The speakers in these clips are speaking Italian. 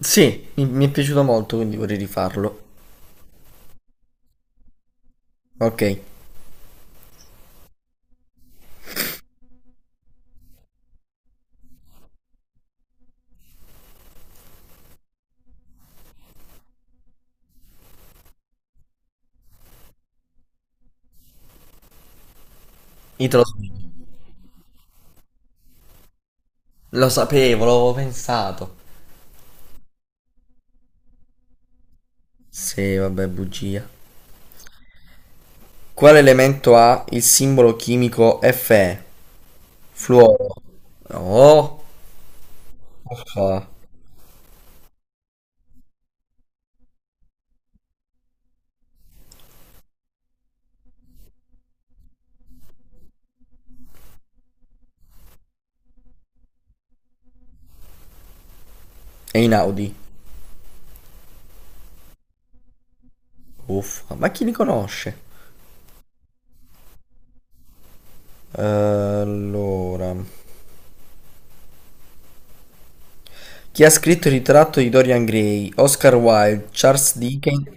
Sì, mi è piaciuto molto, quindi vorrei rifarlo. Ok, Italo Swift. Lo sapevo, l'avevo pensato. Sì, vabbè, bugia. Quale elemento ha il simbolo chimico Fe? Fluoro. No. Uffa. E Inaudi. Uffa, ma chi li conosce? Allora. Chi ha scritto il ritratto di Dorian Gray? Oscar Wilde, Charles Dickens,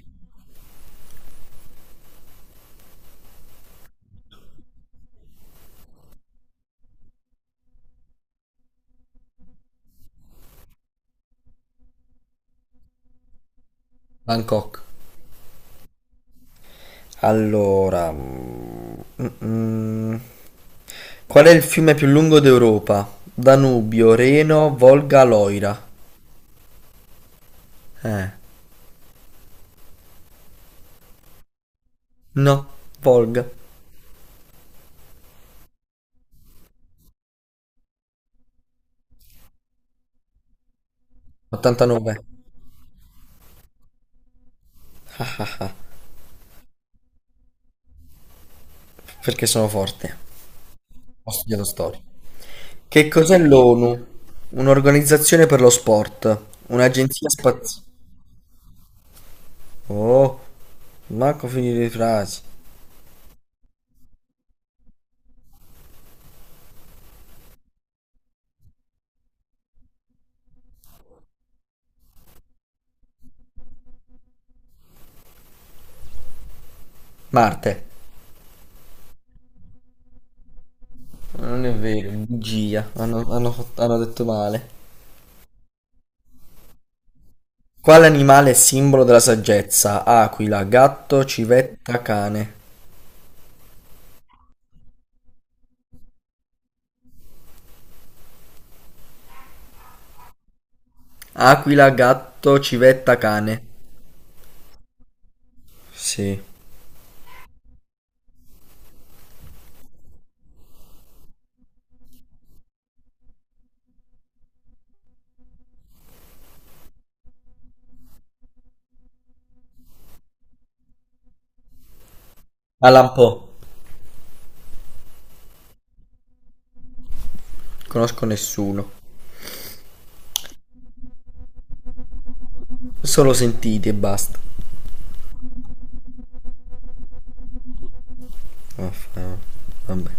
Bangkok. Allora, mm, qual è il fiume più lungo d'Europa? Danubio, Reno, Volga, Loira. Eh, no, Volga. 89. Ah, ah, ah. Perché sono forte. Ho studiato storia. Che cos'è l'ONU? Un'organizzazione per lo sport, un'agenzia spaziale. Oh, manco finire le frasi. Marte. Non è vero, bugia. Hanno detto male. Quale animale è simbolo della saggezza? Aquila, gatto, civetta, cane. Aquila, gatto, civetta, cane. Sì. Alan Poe. Conosco nessuno. Solo sentiti e basta. Vaffa- Vabbè.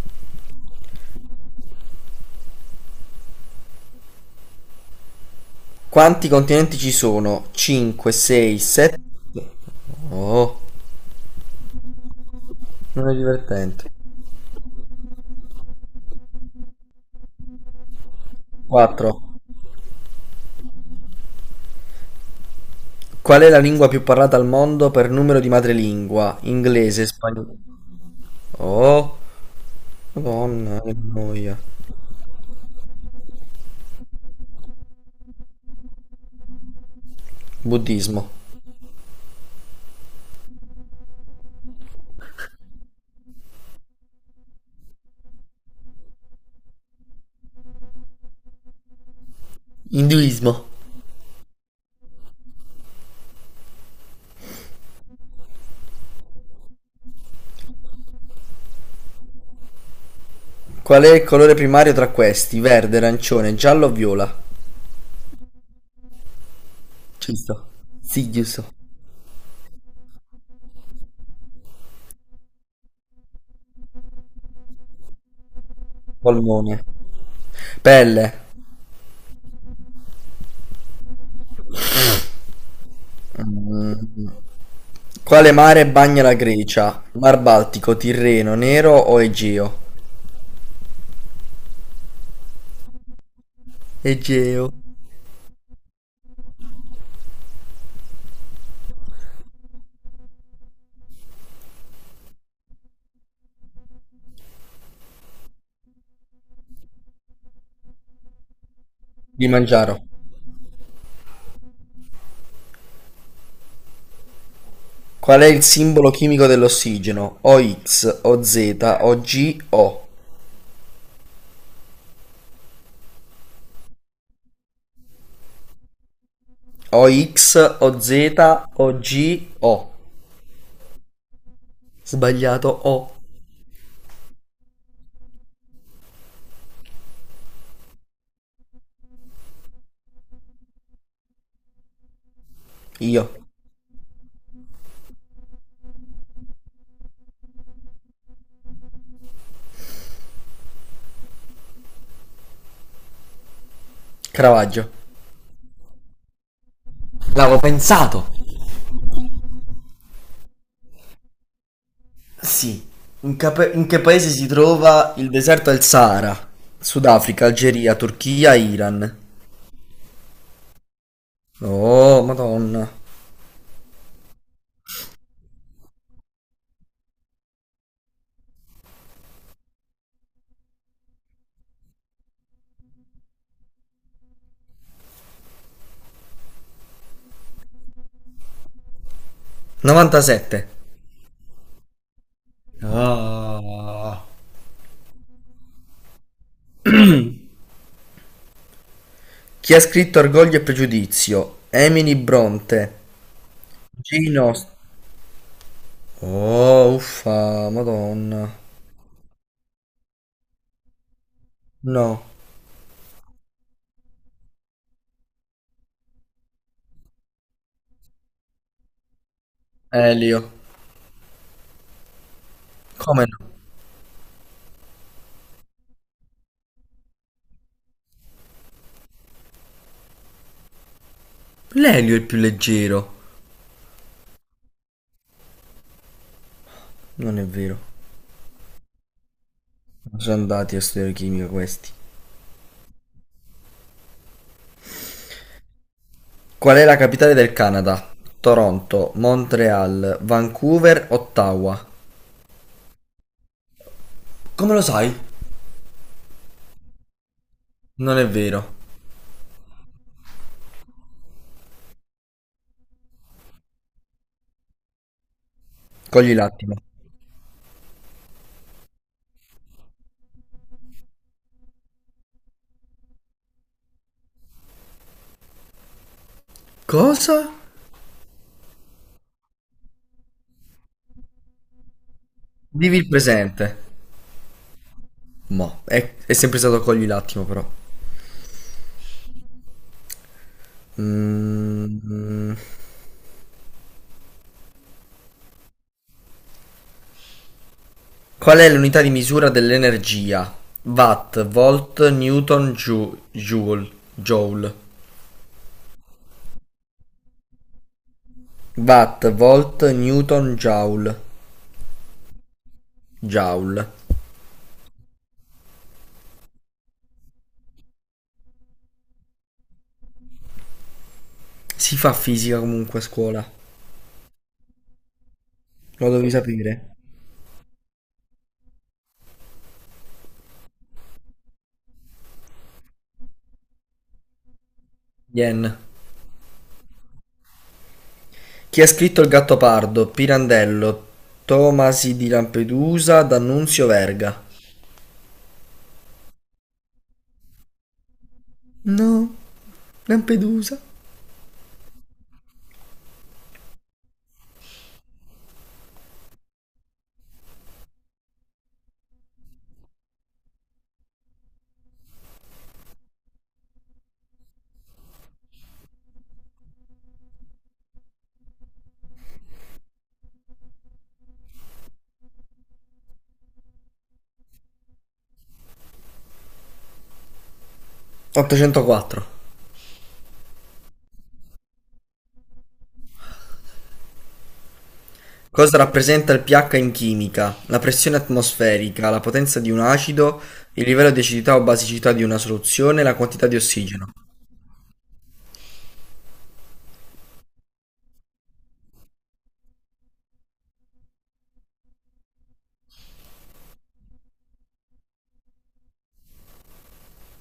Quanti continenti ci sono? cinque, sei, sette. Oh, non è divertente. quattro. Qual è la lingua più parlata al mondo per numero di madrelingua? Inglese, spagnolo. Oh, Madonna, che noia. Buddismo. Induismo. Qual è il colore primario tra questi? Verde, arancione, giallo o viola? Giusto. Sì, giusto. Polmone. Pelle. Mm. Quale mare bagna la Grecia? Mar Baltico, Tirreno, Nero o Egeo? Egeo. Kilimangiaro. Qual è il simbolo chimico dell'ossigeno? OX, OZ, OG, O. OX, OZ, OG, O. Z, O G, O. Sbagliato, O. Io. Cravaggio. L'avevo pensato. Sì. In che paese si trova il deserto del Sahara? Sudafrica, Algeria, Turchia, Iran. Oh, Madonna. 97. Ah. Chi ha scritto Orgoglio e Pregiudizio? Emily Bronte. Gino. Oh, uffa, Madonna. No. Elio. Come no? L'elio è il più leggero. Non è vero. Sono andati a studiare chimica questi. Qual è la capitale del Canada? Toronto, Montreal, Vancouver, Ottawa. Come lo sai? Non è vero. Cogli l'attimo. Cosa? Vivi il presente. Mo, è sempre stato cogli l'attimo però. Mm. Qual è l'unità di misura dell'energia? Watt, volt, newton, joule. Watt, volt, newton, joule, joule. Si fa fisica comunque a scuola. Lo devi sapere. Yen. Chi ha scritto Il Gattopardo? Pirandello, Tomasi di Lampedusa, D'Annunzio Verga. No, Lampedusa. 804. Cosa rappresenta il pH in chimica? La pressione atmosferica, la potenza di un acido, il livello di acidità o basicità di una soluzione, la quantità di ossigeno.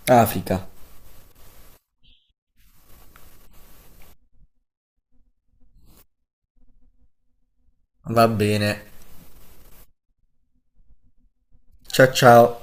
Africa. Va bene. Ciao ciao.